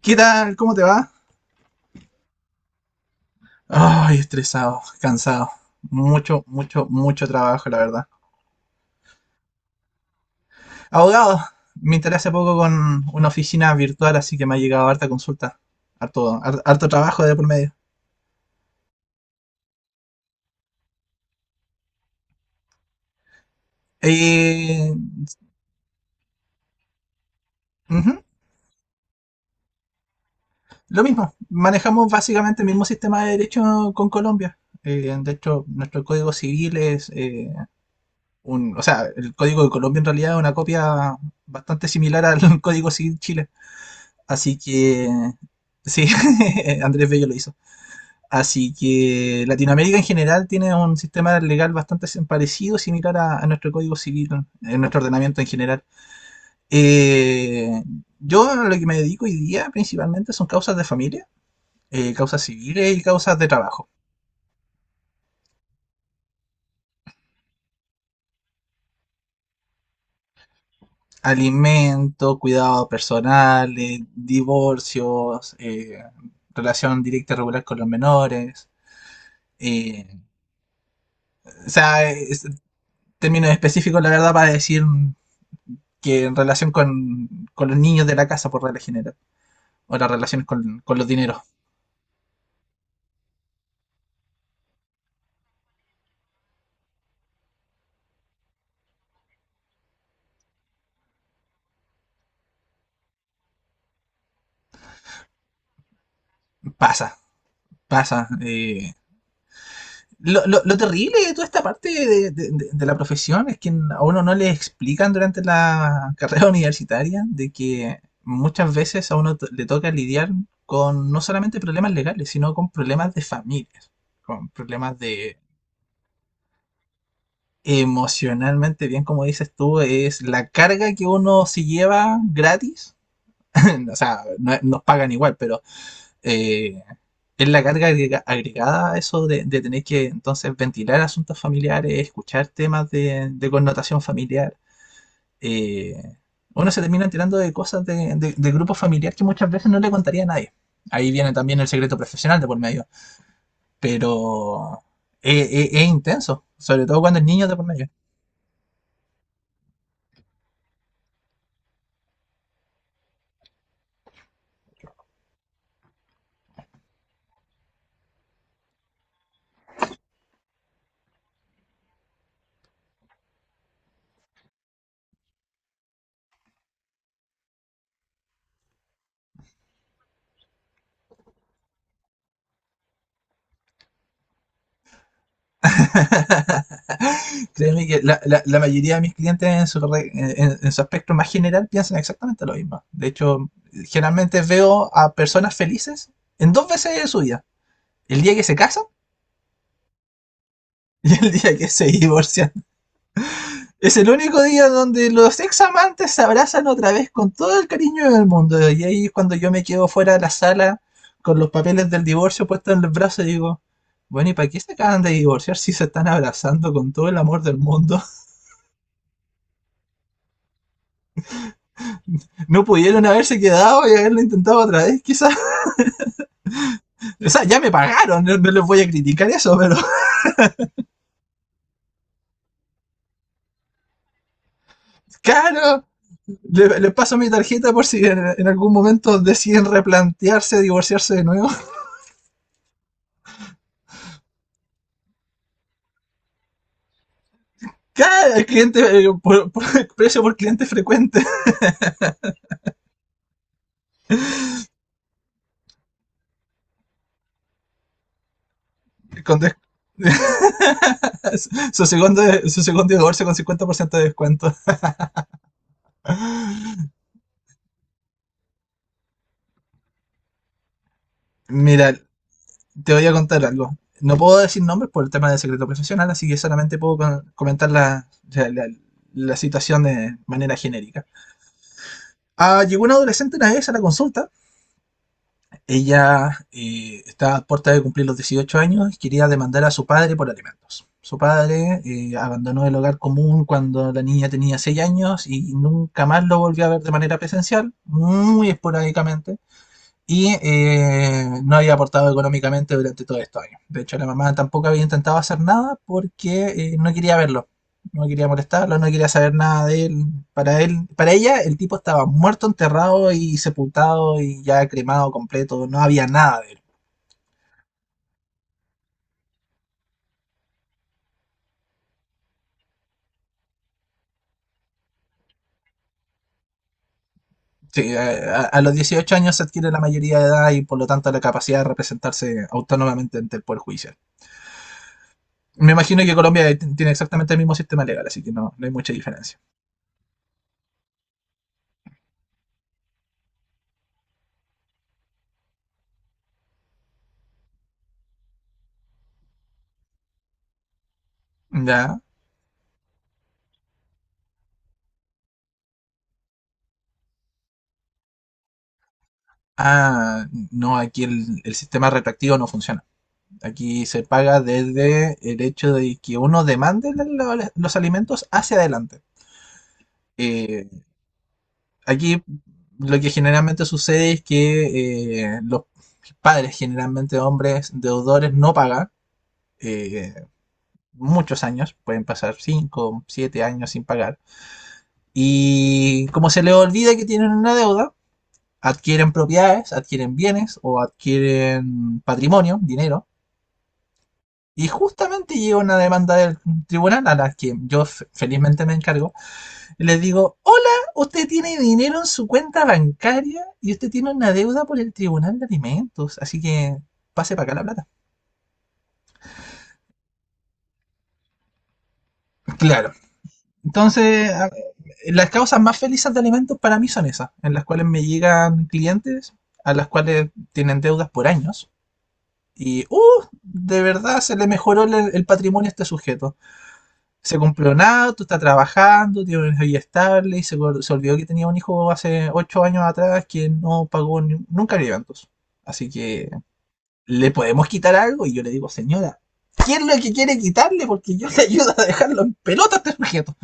¿Qué tal? ¿Cómo te va? Ay, estresado, cansado. Mucho, mucho, mucho trabajo, la verdad. Abogado, me enteré hace poco con una oficina virtual, así que me ha llegado harta consulta. Harto trabajo de por medio. Eh, Ujú. Lo mismo, manejamos básicamente el mismo sistema de derecho con Colombia. De hecho, nuestro código civil es o sea, el código de Colombia en realidad es una copia bastante similar al código civil Chile. Así que, sí, Andrés Bello lo hizo. Así que Latinoamérica en general tiene un sistema legal bastante parecido, similar a nuestro código civil, en nuestro ordenamiento en general. Eh, yo a lo que me dedico hoy día principalmente son causas de familia, causas civiles y causas de trabajo. Alimento, cuidado personal, divorcios, relación directa y regular con los menores. eh, o sea, términos específicos, la verdad, para decir que en relación con los niños de la casa, por regla general, o las relaciones con los dineros, pasa, pasa. Lo terrible de toda esta parte de la profesión es que a uno no le explican durante la carrera universitaria de que muchas veces a uno le toca lidiar con no solamente problemas legales, sino con problemas de familias, con problemas de emocionalmente bien, como dices tú, es la carga que uno se lleva gratis. O sea, nos pagan igual, pero eh, es la carga agregada a eso de tener que entonces ventilar asuntos familiares, escuchar temas de connotación familiar. eh, Uno se termina enterando de cosas de grupo familiar que muchas veces no le contaría a nadie. Ahí viene también el secreto profesional de por medio, pero es intenso, sobre todo cuando el niño de por medio. Créeme que la mayoría de mis clientes en en su aspecto más general piensan exactamente lo mismo. De hecho, generalmente veo a personas felices en dos veces de su vida. El día que se casan y el día que se divorcian. Es el único día donde los ex amantes se abrazan otra vez con todo el cariño del mundo. Y ahí es cuando yo me quedo fuera de la sala con los papeles del divorcio puestos en los brazos y digo, bueno, ¿y para qué se acaban de divorciar si se están abrazando con todo el amor del mundo? No pudieron haberse quedado y haberlo intentado otra vez, quizás. O sea, ya me pagaron, no, no les voy a criticar eso, pero claro. Les le paso mi tarjeta por si en algún momento deciden replantearse, divorciarse de nuevo. Claro, el cliente, precio por cliente frecuente. Con des... su, segundo, su segundo divorcio con 50% de descuento. Mira, te voy a contar algo. No puedo decir nombres por el tema del secreto profesional, así que solamente puedo comentar la situación de manera genérica. Ah, llegó una adolescente una vez a la consulta. Ella estaba a puerta de cumplir los 18 años y quería demandar a su padre por alimentos. Su padre abandonó el hogar común cuando la niña tenía 6 años y nunca más lo volvió a ver de manera presencial, muy esporádicamente y no había aportado económicamente durante todo estos años. De hecho, la mamá tampoco había intentado hacer nada porque no quería verlo, no quería molestarlo, no quería saber nada de él. Para él, para ella, el tipo estaba muerto, enterrado y sepultado y ya cremado completo, no había nada de él. Sí, a los 18 años se adquiere la mayoría de edad y por lo tanto la capacidad de representarse autónomamente ante el Poder Judicial. Me imagino que Colombia tiene exactamente el mismo sistema legal, así que no, no hay mucha diferencia. Ya. Ah, no, aquí el sistema retractivo no funciona. Aquí se paga desde el hecho de que uno demande los alimentos hacia adelante. Eh, aquí lo que generalmente sucede es que los padres, generalmente hombres deudores, no pagan eh, muchos años, pueden pasar 5, 7 años sin pagar. Y como se les olvida que tienen una deuda, adquieren propiedades, adquieren bienes o adquieren patrimonio, dinero. Y justamente llega una demanda del tribunal a la que yo felizmente me encargo. Y les digo, hola, usted tiene dinero en su cuenta bancaria y usted tiene una deuda por el tribunal de alimentos. Así que pase para acá la plata. Claro. Entonces, las causas más felices de alimentos para mí son esas, en las cuales me llegan clientes a las cuales tienen deudas por años. Y, de verdad se le mejoró el patrimonio a este sujeto. Se compró nada, tú estás trabajando, tienes una vida estable y se olvidó que tenía un hijo hace 8 años atrás que no pagó nunca alimentos. Así que le podemos quitar algo y yo le digo, señora, ¿qué es lo que quiere quitarle? Porque yo le ayudo a dejarlo en pelota a este sujeto.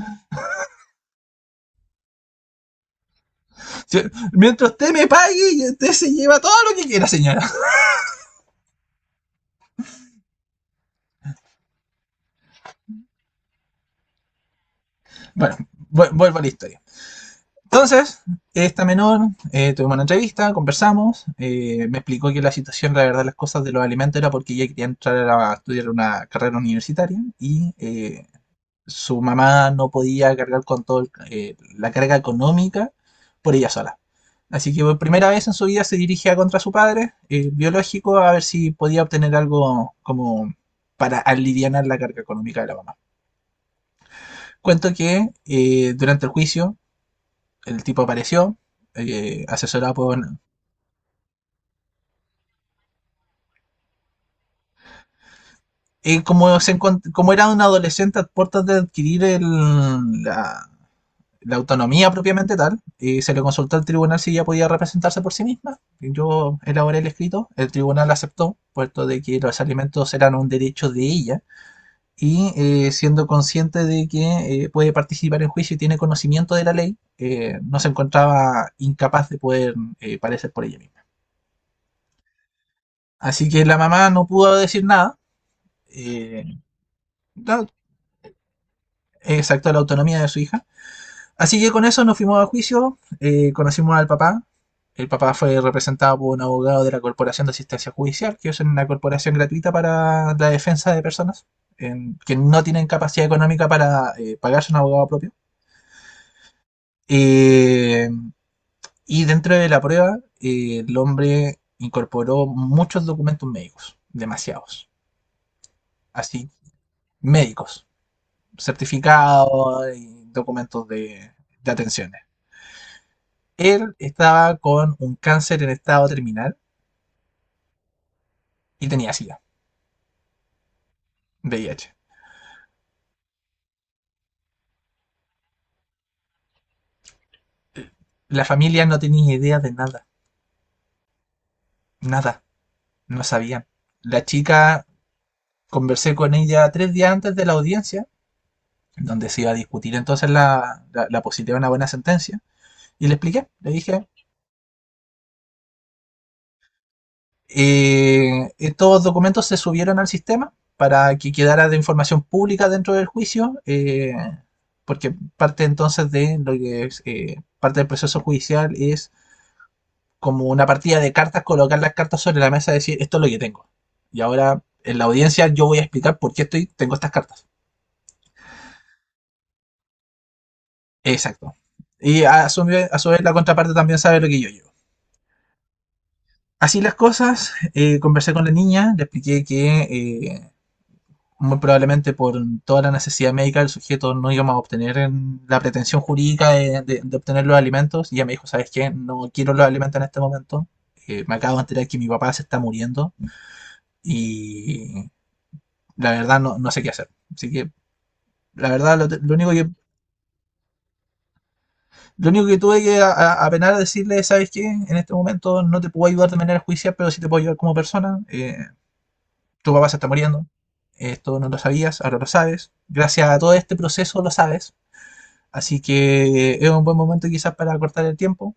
Si- Mientras usted me pague, usted se lleva todo lo que quiera, señora. Bueno, vuelvo a la historia. Entonces, esta menor, tuvimos una entrevista, conversamos, me explicó que la situación, la verdad, las cosas de los alimentos era porque ella quería entrar a estudiar una carrera universitaria y su mamá no podía cargar con toda la carga económica por ella sola. Así que por primera vez en su vida se dirigía contra su padre biológico a ver si podía obtener algo como para aliviar la carga económica de la mamá. Cuento que durante el juicio el tipo apareció, asesorado por... como, como era un adolescente a puertas de adquirir la autonomía propiamente tal, se le consultó al tribunal si ella podía representarse por sí misma. Yo elaboré el escrito, el tribunal aceptó, puesto de que los alimentos eran un derecho de ella, y siendo consciente de que puede participar en juicio y tiene conocimiento de la ley, no se encontraba incapaz de poder parecer por ella misma. Así que la mamá no pudo decir nada, eh, da- exacto, la autonomía de su hija. Así que con eso nos fuimos a juicio, conocimos al papá. El papá fue representado por un abogado de la Corporación de Asistencia Judicial, que es una corporación gratuita para la defensa de personas que no tienen capacidad económica para pagarse un abogado propio. Eh, y dentro de la prueba, el hombre incorporó muchos documentos médicos, demasiados, así, médicos. Certificados y documentos de, atenciones. Él estaba con un cáncer en estado terminal y tenía SIDA, VIH. La familia no tenía idea de nada, nada, no sabían. La chica, conversé con ella 3 días antes de la audiencia, donde se iba a discutir entonces la posibilidad de una buena sentencia, y le expliqué, le dije, estos documentos se subieron al sistema para que quedara de información pública dentro del juicio, porque parte entonces de lo que es, parte del proceso judicial es como una partida de cartas, colocar las cartas sobre la mesa y decir esto es lo que tengo. Y ahora en la audiencia yo voy a explicar por qué estoy, tengo estas cartas. Exacto. Y a su vez, la contraparte también sabe lo que yo llevo. Así las cosas, conversé con la niña, le expliqué que muy probablemente por toda la necesidad médica el sujeto no íbamos a obtener en la pretensión jurídica de obtener los alimentos. Y ella me dijo, ¿sabes qué? No quiero los alimentos en este momento. Me acabo de enterar que mi papá se está muriendo y la verdad no, no sé qué hacer. Así que la verdad lo único que tuve que apenar a decirle, ¿sabes qué? En este momento no te puedo ayudar de manera judicial, pero sí te puedo ayudar como persona. Tu papá se está muriendo. Esto no lo sabías, ahora lo sabes. Gracias a todo este proceso lo sabes. Así que es un buen momento quizás para cortar el tiempo,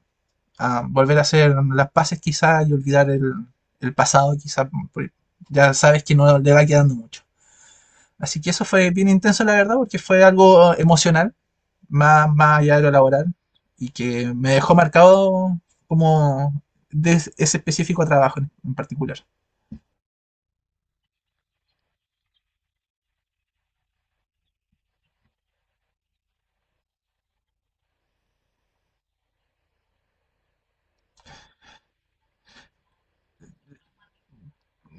a volver a hacer las paces quizás y olvidar el pasado quizás, porque ya sabes que no le va quedando mucho. Así que eso fue bien intenso la verdad, porque fue algo emocional, más allá de lo laboral, y que me dejó marcado como de ese específico trabajo en particular.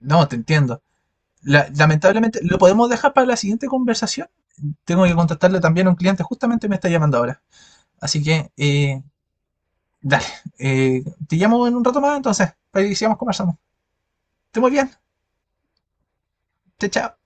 No, te entiendo. Lamentablemente, ¿lo podemos dejar para la siguiente conversación? Tengo que contactarle también a un cliente, justamente me está llamando ahora. Así que dale, te llamo en un rato más entonces, para que sigamos conversando. Esté muy bien, chao, chao.